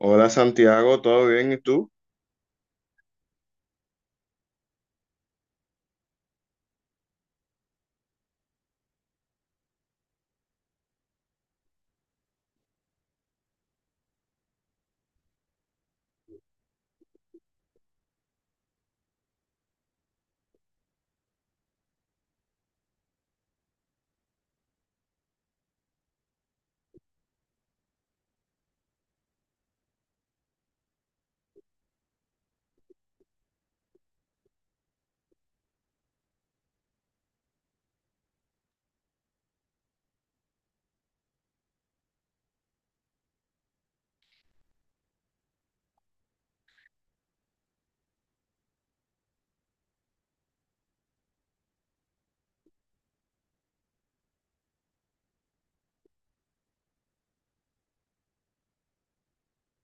Hola Santiago, ¿todo bien? ¿Y tú?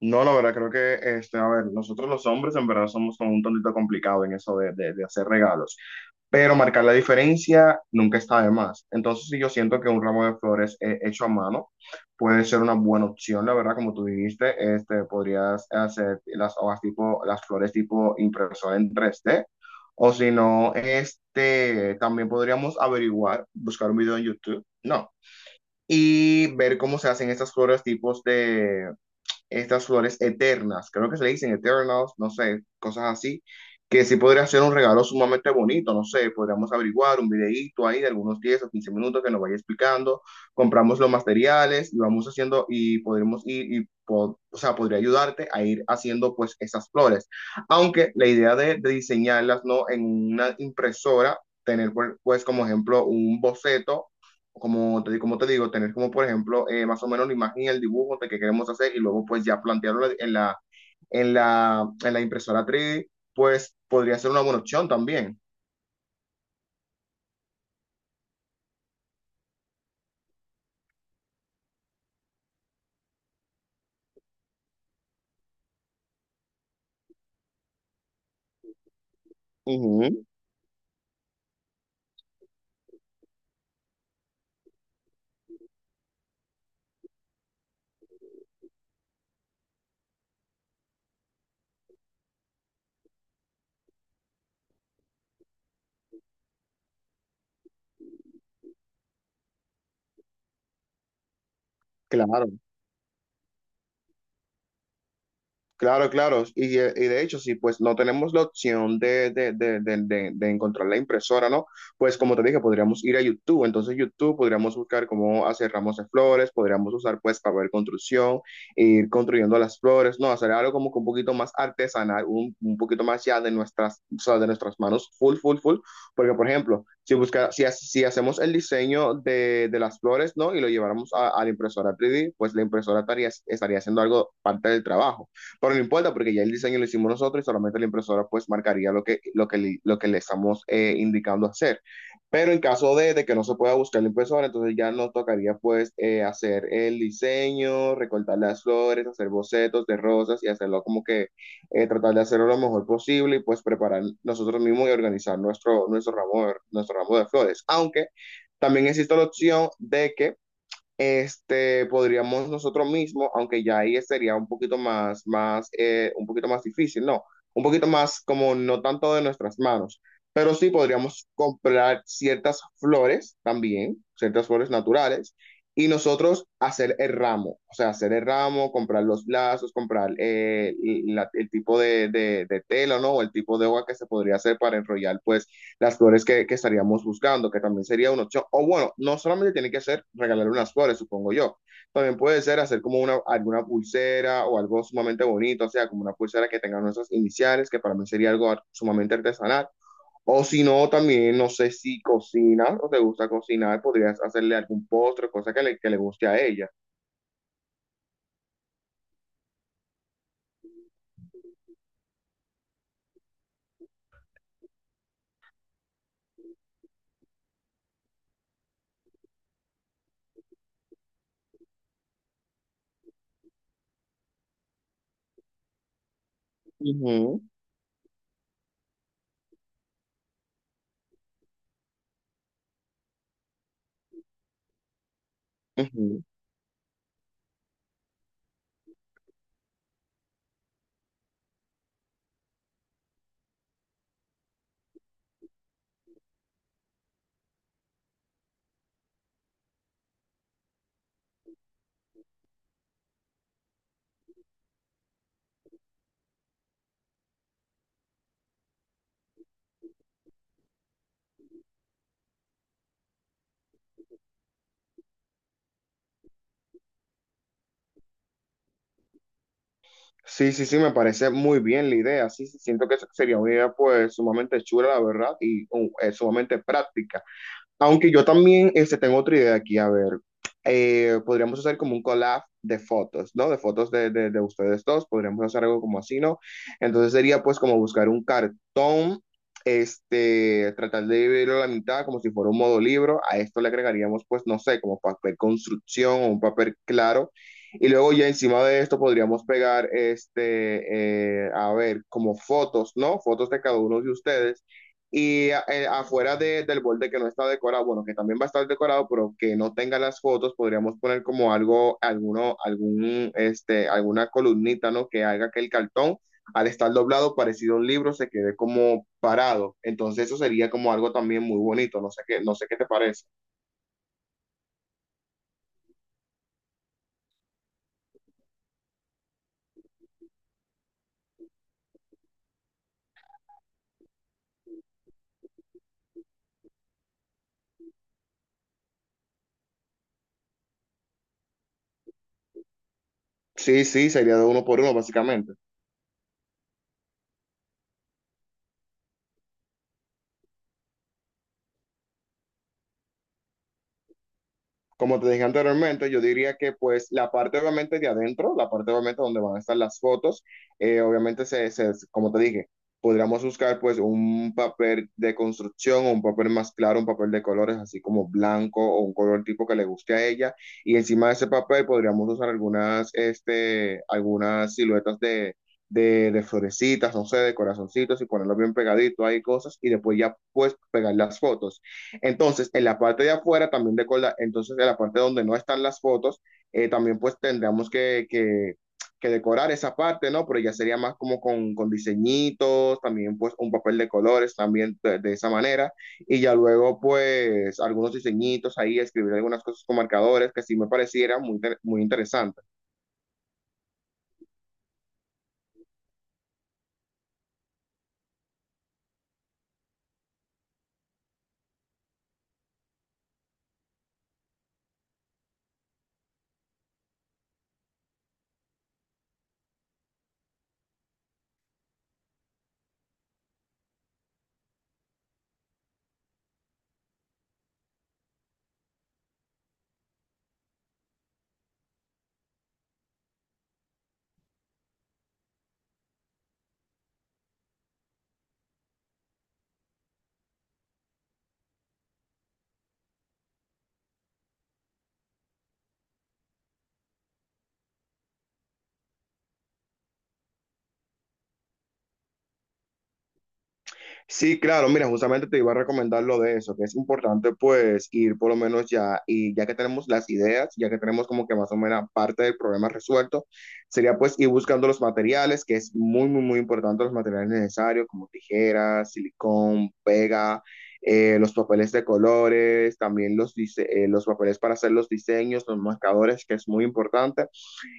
No, la verdad, creo que, este, a ver, nosotros los hombres en verdad somos como un tontito complicado en eso de hacer regalos, pero marcar la diferencia nunca está de más. Entonces, sí, yo siento que un ramo de flores hecho a mano puede ser una buena opción, la verdad, como tú dijiste, este, podrías hacer las hojas tipo, las flores tipo impresora en tres d o si no, este, también podríamos averiguar, buscar un video en YouTube, no, y ver cómo se hacen estas flores tipos de estas flores eternas, creo que se le dicen eternals, no sé, cosas así, que sí podría ser un regalo sumamente bonito, no sé, podríamos averiguar un videíto ahí de algunos 10 o 15 minutos que nos vaya explicando, compramos los materiales y vamos haciendo y podremos ir y po- o sea, podría ayudarte a ir haciendo pues esas flores. Aunque la idea de diseñarlas no en una impresora, tener pues como ejemplo un boceto como te digo, tener como, por ejemplo, más o menos la imagen y el dibujo de que queremos hacer y luego pues ya plantearlo en la impresora 3D, pues podría ser una buena opción también. Ujú, claro. Claro, claro. Y de hecho, si pues no tenemos la opción de encontrar la impresora, ¿no? Pues como te dije, podríamos ir a YouTube. Entonces, YouTube podríamos buscar cómo hacer ramos de flores, podríamos usar pues papel construcción, ir construyendo las flores, ¿no? Hacer algo como que un poquito más artesanal, un poquito más ya de nuestras, o sea, de nuestras manos, full, full, full. Porque, por ejemplo, si busca, si, ha- si hacemos el diseño de las flores, ¿no? Y lo lleváramos a la impresora 3D, pues la impresora estaría, estaría haciendo algo parte del trabajo. Pero no importa porque ya el diseño lo hicimos nosotros y solamente la impresora pues marcaría lo que le estamos indicando hacer. Pero en caso de que no se pueda buscar la impresora, entonces ya nos tocaría pues hacer el diseño, recortar las flores, hacer bocetos de rosas y hacerlo como que tratar de hacerlo lo mejor posible y pues preparar nosotros mismos y organizar nuestro, nuestro ramo de flores. Aunque también existe la opción de que este, podríamos nosotros mismos, aunque ya ahí sería un poquito más, más, un poquito más difícil, no, un poquito más como no tanto de nuestras manos, pero sí podríamos comprar ciertas flores también, ciertas flores naturales, y nosotros hacer el ramo, o sea, hacer el ramo, comprar los lazos, comprar el tipo de tela, ¿no? O el tipo de hoja que se podría hacer para enrollar, pues, las flores que estaríamos buscando, que también sería una opción. O bueno, no solamente tiene que ser regalar unas flores, supongo yo. También puede ser hacer como una, alguna pulsera o algo sumamente bonito, o sea, como una pulsera que tenga nuestras iniciales, que para mí sería algo sumamente artesanal. O si no, también no sé si cocinas o te gusta cocinar, podrías hacerle algún postre, cosa que le guste a ella. Ujú, ujú. Sí, sí, sí, me parece muy bien la idea. Sí, sí, siento que eso sería una idea pues sumamente chula, la verdad, y sumamente práctica. Aunque yo también este, tengo otra idea aquí, a ver, podríamos hacer como un collab de fotos, ¿no? De fotos de ustedes dos, podríamos hacer algo como así, ¿no? Entonces sería pues como buscar un cartón, este, tratar de dividirlo a la mitad como si fuera un modo libro, a esto le agregaríamos pues, no sé, como papel construcción o un papel claro. Y luego ya encima de esto podríamos pegar, este, a ver, como fotos, ¿no? Fotos de cada uno de ustedes y afuera del borde que no está decorado, bueno, que también va a estar decorado, pero que no tenga las fotos, podríamos poner como algo, alguno, algún, este, alguna columnita, ¿no? Que haga que el cartón, al estar doblado, parecido a un libro, se quede como parado. Entonces eso sería como algo también muy bonito, no sé qué, no sé qué te parece. Sí, sí, sería de uno por uno, básicamente. Como te dije anteriormente, yo diría que pues la parte obviamente de adentro, la parte obviamente donde van a estar las fotos, obviamente como te dije, podríamos buscar pues un papel de construcción o un papel más claro, un papel de colores así como blanco o un color tipo que le guste a ella y encima de ese papel podríamos usar algunas, este, algunas siluetas de... de florecitas, no sé, de corazoncitos y ponerlo bien pegadito, hay cosas, y después ya pues pegar las fotos. Entonces, en la parte de afuera también recordar, entonces en la parte donde no están las fotos, también pues tendríamos que decorar esa parte, ¿no? Pero ya sería más como con diseñitos, también pues un papel de colores también de esa manera, y ya luego pues algunos diseñitos ahí, escribir algunas cosas con marcadores que sí me pareciera muy, muy interesante. Sí, claro, mira, justamente te iba a recomendar lo de eso, que es importante pues ir por lo menos ya, y ya que tenemos las ideas, ya que tenemos como que más o menos parte del problema resuelto, sería pues ir buscando los materiales, que es muy, muy, muy importante los materiales necesarios, como tijeras, silicón, pega, los papeles de colores, también los papeles para hacer los diseños, los marcadores, que es muy importante.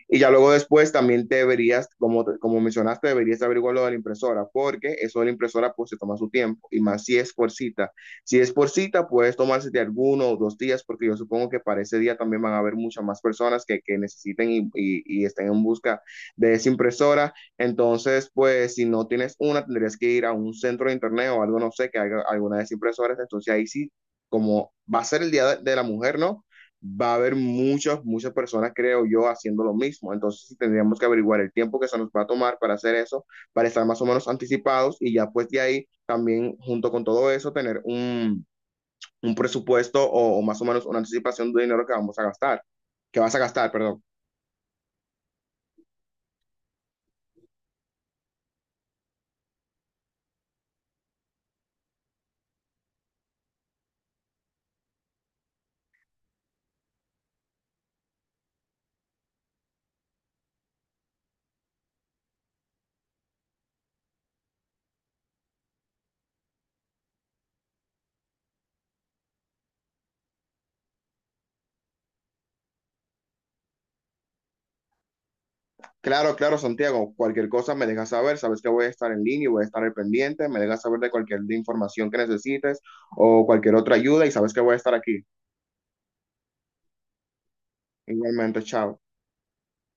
Y ya luego después también deberías, como, como mencionaste, deberías averiguar lo de la impresora, porque eso de la impresora pues se toma su tiempo, y más si es por cita. Si es por cita, puedes tomarse de alguno o 2 días, porque yo supongo que para ese día también van a haber muchas más personas que necesiten y estén en busca de esa impresora. Entonces, pues si no tienes una, tendrías que ir a un centro de internet o algo, no sé, que haga alguna de esas impresoras. Entonces ahí sí, como va a ser el Día de la Mujer, ¿no? Va a haber muchas, muchas personas, creo yo, haciendo lo mismo. Entonces, sí tendríamos que averiguar el tiempo que se nos va a tomar para hacer eso, para estar más o menos anticipados y ya pues de ahí también, junto con todo eso, tener un presupuesto o más o menos una anticipación de dinero que vamos a gastar, que vas a gastar, perdón. Claro, claro, Santiago, cualquier cosa me dejas saber, sabes que voy a estar en línea y voy a estar al pendiente, me dejas saber de cualquier información que necesites o cualquier otra ayuda y sabes que voy a estar aquí. Igualmente, chao.